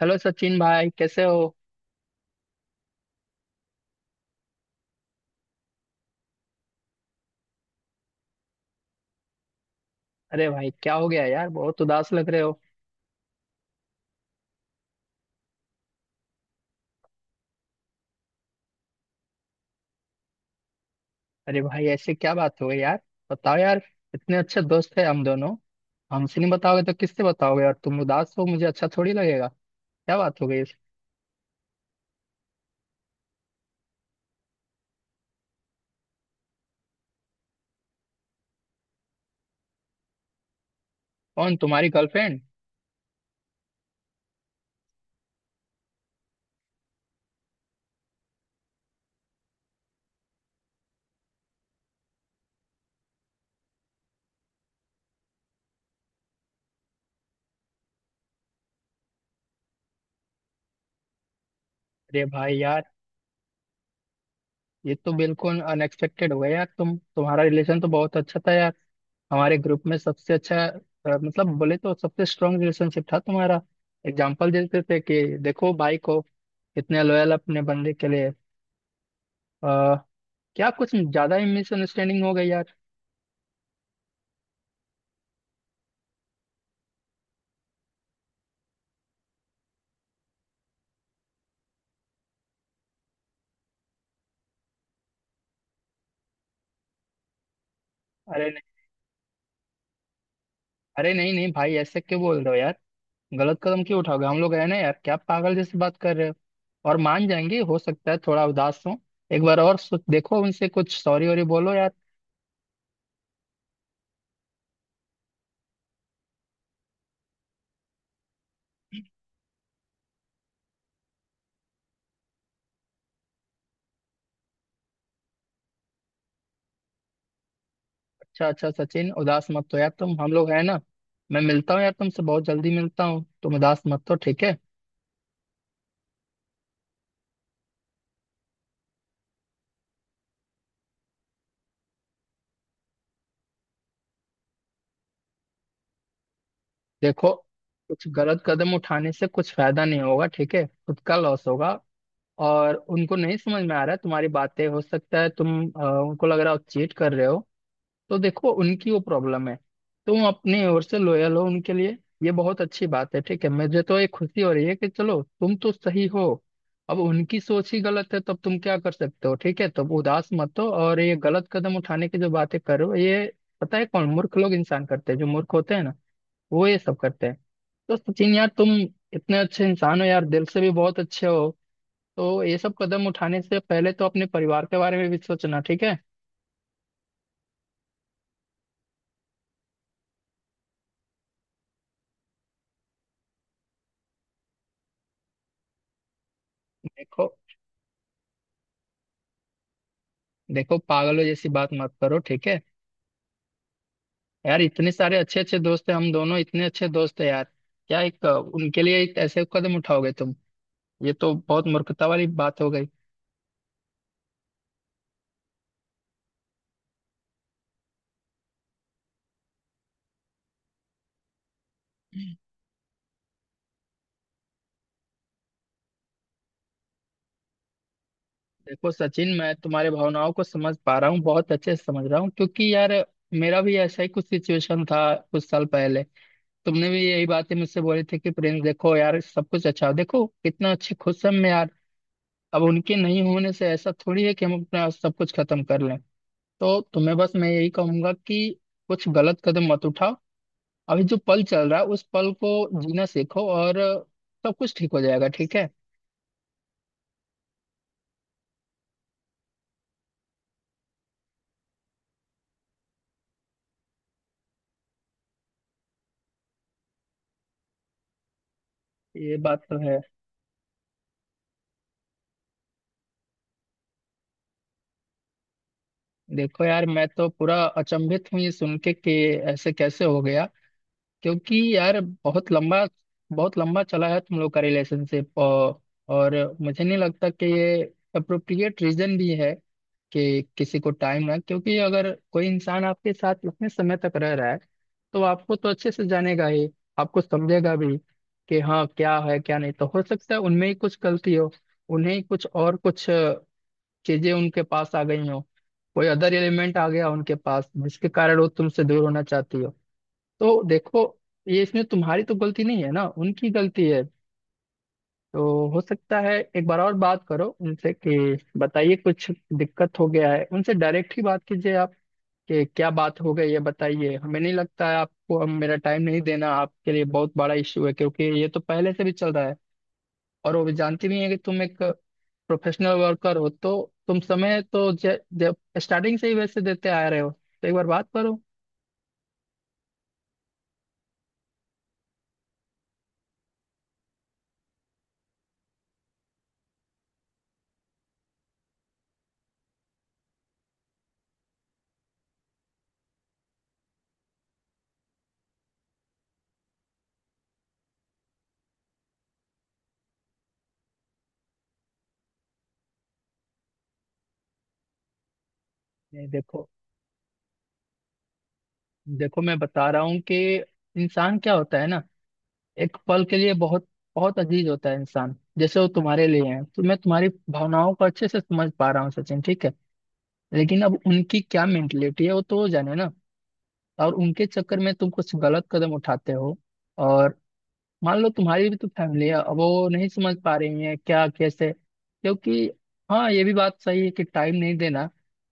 Hello Sachin भाई, कैसे हो। अरे भाई क्या हो गया यार, बहुत उदास लग रहे हो। अरे भाई ऐसे क्या बात हो गई यार, बताओ यार। इतने अच्छे दोस्त है हम दोनों। हमसे नहीं बताओगे तो किससे बताओगे, और तुम उदास हो मुझे अच्छा थोड़ी लगेगा। क्या बात हो गई इस-। कौन, तुम्हारी गर्लफ्रेंड? अरे भाई यार, ये तो बिल्कुल अनएक्सपेक्टेड हो गया यार। तुम्हारा रिलेशन तो बहुत अच्छा था यार, हमारे ग्रुप में सबसे अच्छा। मतलब बोले तो सबसे स्ट्रांग रिलेशनशिप था तुम्हारा। एग्जाम्पल देते थे कि देखो भाई को, कितने लॉयल अपने बंदे के लिए। क्या कुछ ज्यादा ही मिसअंडरस्टैंडिंग हो गई यार? अरे नहीं। अरे नहीं नहीं भाई, ऐसे क्यों बोल रहे हो यार। गलत कदम क्यों उठाओगे, हम लोग है ना यार। क्या पागल जैसे बात कर रहे हो। और मान जाएंगे, हो सकता है थोड़ा उदास हो। एक बार और सोच देखो, उनसे कुछ सॉरी वॉरी बोलो यार। अच्छा अच्छा सचिन, उदास मत हो यार तुम, हम लोग है ना। मैं मिलता हूँ यार तुमसे, बहुत जल्दी मिलता हूँ। तुम उदास मत हो, ठीक है। देखो, कुछ गलत कदम उठाने से कुछ फायदा नहीं होगा, ठीक है, खुद का लॉस होगा। और उनको नहीं समझ में आ रहा है तुम्हारी बातें, हो सकता है तुम उनको लग रहा हो चीट कर रहे हो। तो देखो, उनकी वो प्रॉब्लम है। तुम अपने ओर से लॉयल हो उनके लिए, ये बहुत अच्छी बात है, ठीक है। मुझे तो ये खुशी हो रही है कि चलो तुम तो सही हो। अब उनकी सोच ही गलत है, तब तुम क्या कर सकते हो, ठीक है। तब उदास मत हो। और ये गलत कदम उठाने की जो बातें कर रहे हो, ये पता है कौन मूर्ख लोग इंसान करते हैं, जो मूर्ख होते हैं ना, वो ये सब करते हैं। तो सचिन यार, तुम इतने अच्छे इंसान हो यार, दिल से भी बहुत अच्छे हो। तो ये सब कदम उठाने से पहले तो अपने परिवार के बारे में भी सोचना, ठीक है। देखो। देखो, पागलों जैसी बात मत करो, ठीक है। यार, इतने सारे अच्छे अच्छे दोस्त हैं, हम दोनों इतने अच्छे दोस्त हैं यार। क्या एक उनके लिए एक ऐसे कदम उठाओगे तुम? ये तो बहुत मूर्खता वाली बात हो गई। देखो सचिन, मैं तुम्हारे भावनाओं को समझ पा रहा हूँ, बहुत अच्छे से समझ रहा हूँ, क्योंकि यार मेरा भी ऐसा ही कुछ सिचुएशन था कुछ साल पहले। तुमने भी यही बातें मुझसे बोली थी कि प्रिंस देखो यार, सब कुछ अच्छा, देखो कितना अच्छे खुश हम, मैं यार। अब उनके नहीं होने से ऐसा थोड़ी है कि हम अपना सब कुछ खत्म कर लें। तो तुम्हें बस मैं यही कहूंगा कि कुछ गलत कदम मत उठाओ। अभी जो पल चल रहा है, उस पल को जीना सीखो, और सब कुछ ठीक हो जाएगा, ठीक है। ये बात तो है। देखो यार, मैं तो पूरा अचंभित हूँ ये सुन के, कि ऐसे कैसे हो गया। क्योंकि यार बहुत लंबा, बहुत लंबा चला है तुम लोग का रिलेशनशिप, और मुझे नहीं लगता कि ये अप्रोप्रिएट रीजन भी है कि किसी को टाइम ना। क्योंकि अगर कोई इंसान आपके साथ उतने समय तक रह रहा है, तो आपको तो अच्छे से जानेगा ही, आपको समझेगा भी, कि हाँ क्या है क्या नहीं। तो हो सकता है उनमें ही कुछ गलती हो, उन्हें ही कुछ और कुछ चीजें उनके पास आ गई हो। कोई अदर एलिमेंट आ गया उनके पास, जिसके कारण वो तुमसे दूर होना चाहती हो। तो देखो, ये इसमें तुम्हारी तो गलती नहीं है ना, उनकी गलती है। तो हो सकता है एक बार और बात करो उनसे कि बताइए कुछ दिक्कत हो गया है। उनसे डायरेक्ट ही बात कीजिए आप, कि क्या बात हो गई ये बताइए। हमें नहीं लगता है आपको, हम मेरा टाइम नहीं देना आपके लिए बहुत बड़ा इश्यू है, क्योंकि ये तो पहले से भी चल रहा है। और वो भी जानती भी है कि तुम एक प्रोफेशनल वर्कर हो। तो तुम समय तो जब स्टार्टिंग से ही वैसे देते आ रहे हो, तो एक बार बात करो। नहीं, देखो। देखो, मैं बता रहा हूँ कि इंसान क्या होता है ना, एक पल के लिए बहुत, बहुत अजीज होता है इंसान, जैसे वो तुम्हारे लिए हैं। तो मैं तुम्हारी भावनाओं को अच्छे से समझ पा रहा हूँ सचिन, ठीक है। लेकिन अब उनकी क्या मेंटेलिटी है, वो तो वो जाने ना। और उनके चक्कर में तुम कुछ गलत कदम उठाते हो, और मान लो तुम्हारी भी तो फैमिली है। अब वो नहीं समझ पा रही है क्या कैसे, क्योंकि हाँ ये भी बात सही है कि टाइम नहीं देना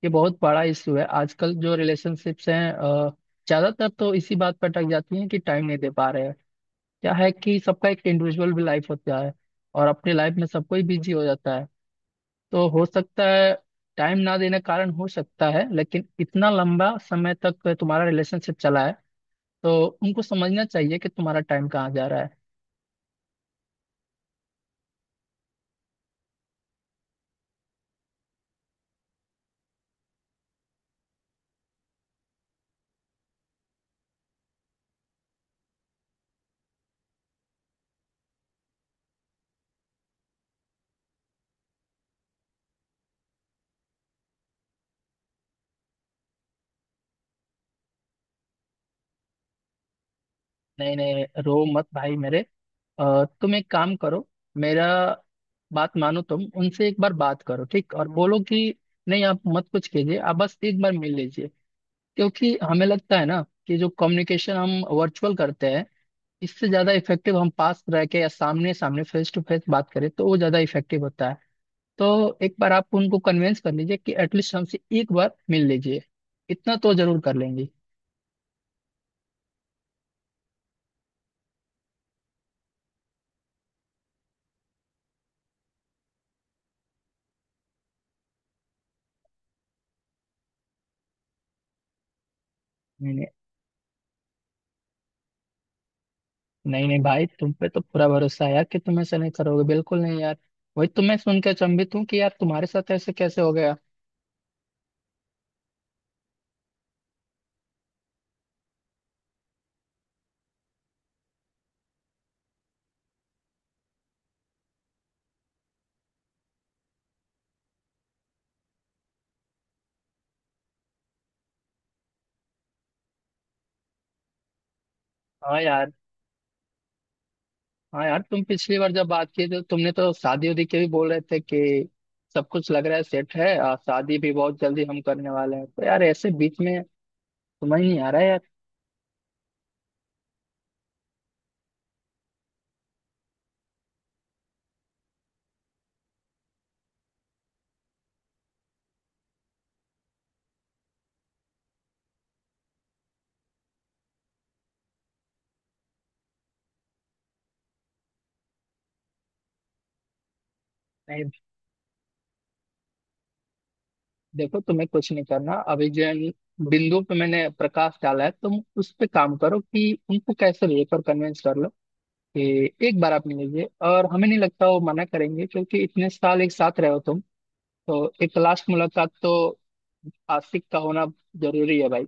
ये बहुत बड़ा इशू है। आजकल जो रिलेशनशिप्स हैं ज्यादातर तो इसी बात पर अटक जाती हैं कि टाइम नहीं दे पा रहे हैं। क्या है कि सबका एक इंडिविजुअल भी लाइफ होता है, और अपनी लाइफ में सब कोई बिजी हो जाता है। तो हो सकता है टाइम ना देने के कारण हो सकता है, लेकिन इतना लंबा समय तक तुम्हारा रिलेशनशिप चला है, तो उनको समझना चाहिए कि तुम्हारा टाइम कहाँ जा रहा है। नहीं नहीं रो मत भाई मेरे। तुम एक काम करो, मेरा बात मानो। तुम उनसे एक बार बात करो, ठीक, और बोलो कि नहीं आप मत कुछ कीजिए, आप बस एक बार मिल लीजिए। क्योंकि हमें लगता है ना कि जो कम्युनिकेशन हम वर्चुअल करते हैं, इससे ज्यादा इफेक्टिव हम पास रह के या सामने सामने फेस टू फेस बात करें, तो वो ज्यादा इफेक्टिव होता है। तो एक बार आप उनको कन्विंस कर लीजिए कि एटलीस्ट हमसे एक बार मिल लीजिए, इतना तो जरूर कर लेंगे। नहीं नहीं भाई, तुम पे तो पूरा भरोसा है यार कि तुम ऐसा नहीं करोगे, बिल्कुल नहीं यार। वही तुम्हें सुन के अचंभित हूँ कि यार तुम्हारे साथ ऐसे कैसे हो गया। हाँ यार। हाँ यार, तुम पिछली बार जब बात किए थे, तुमने तो शादी उदी के भी बोल रहे थे कि सब कुछ लग रहा है सेट है, और शादी भी बहुत जल्दी हम करने वाले हैं। तो यार ऐसे बीच में, समझ नहीं आ रहा है यार। नहीं, देखो, तुम्हें कुछ नहीं करना। अभी जो बिंदु पे मैंने प्रकाश डाला है, तुम उस पे काम करो कि उनको कैसे लेकर कन्विंस कर लो कि एक बार आप मिलेंगे। और हमें नहीं लगता वो मना करेंगे, क्योंकि इतने साल एक साथ रहे हो तुम। तो एक लास्ट मुलाकात तो आशिक का होना जरूरी है भाई।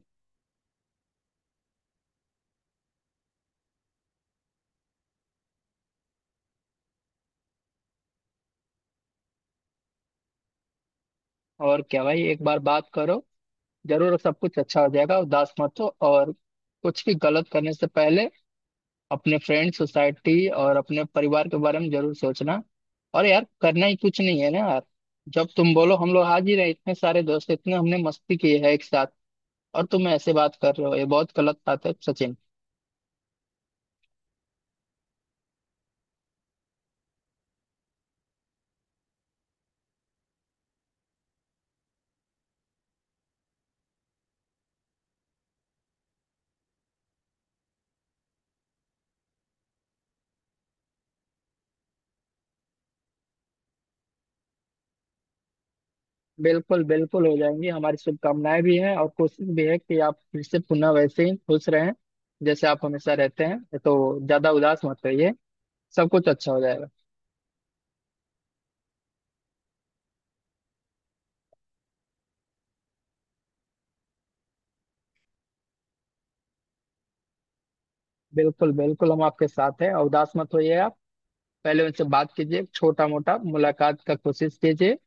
और क्या भाई, एक बार बात करो जरूर, सब कुछ अच्छा हो जाएगा। उदास मत हो, और कुछ भी गलत करने से पहले अपने फ्रेंड सोसाइटी और अपने परिवार के बारे में जरूर सोचना। और यार करना ही कुछ नहीं है ना यार। जब तुम बोलो हम लोग हाजिर हैं, इतने सारे दोस्त, इतने हमने मस्ती की है एक साथ, और तुम ऐसे बात कर रहे हो, ये बहुत गलत बात है सचिन। बिल्कुल बिल्कुल हो जाएंगी। हमारी शुभकामनाएं भी हैं, और कोशिश भी है कि आप फिर से पुनः वैसे ही खुश रहें जैसे आप हमेशा रहते हैं। तो ज्यादा उदास मत रहिए, सब कुछ अच्छा हो जाएगा। बिल्कुल बिल्कुल, हम आपके साथ हैं, और उदास मत होइए आप। पहले उनसे बात कीजिए, छोटा मोटा मुलाकात का कोशिश कीजिए,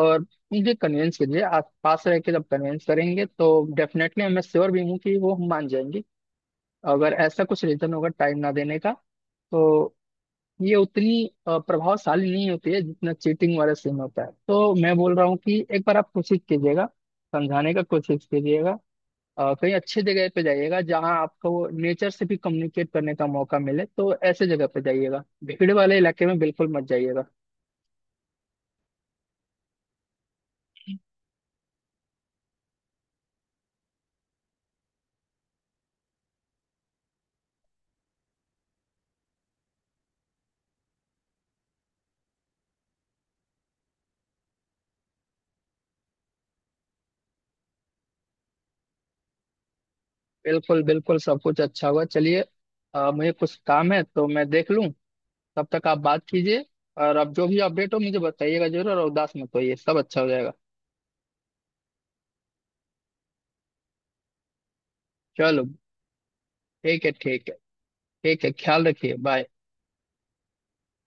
और उनके कन्विंस कीजिए। आप पास रह के जब कन्विंस करेंगे, तो डेफिनेटली मैं श्योर भी हूँ कि वो मान जाएंगी। अगर ऐसा कुछ रीजन होगा टाइम ना देने का, तो ये उतनी प्रभावशाली नहीं होती है जितना चीटिंग वाला सीन होता है। तो मैं बोल रहा हूँ कि एक बार आप कोशिश कीजिएगा, समझाने का कोशिश कीजिएगा। कहीं अच्छी जगह पे जाइएगा, जहाँ आपको नेचर से भी कम्युनिकेट करने का मौका मिले। तो ऐसे जगह पे जाइएगा, भीड़ वाले इलाके में बिल्कुल मत जाइएगा। बिल्कुल बिल्कुल, सब कुछ अच्छा हुआ, चलिए। मुझे कुछ काम है तो मैं देख लूँ, तब तक आप बात कीजिए। और अब जो भी अपडेट हो मुझे बताइएगा जरूर, और उदास मत होइए, सब अच्छा हो जाएगा। चलो, ठीक है, ठीक है। ठीक है, ख्याल रखिए, बाय।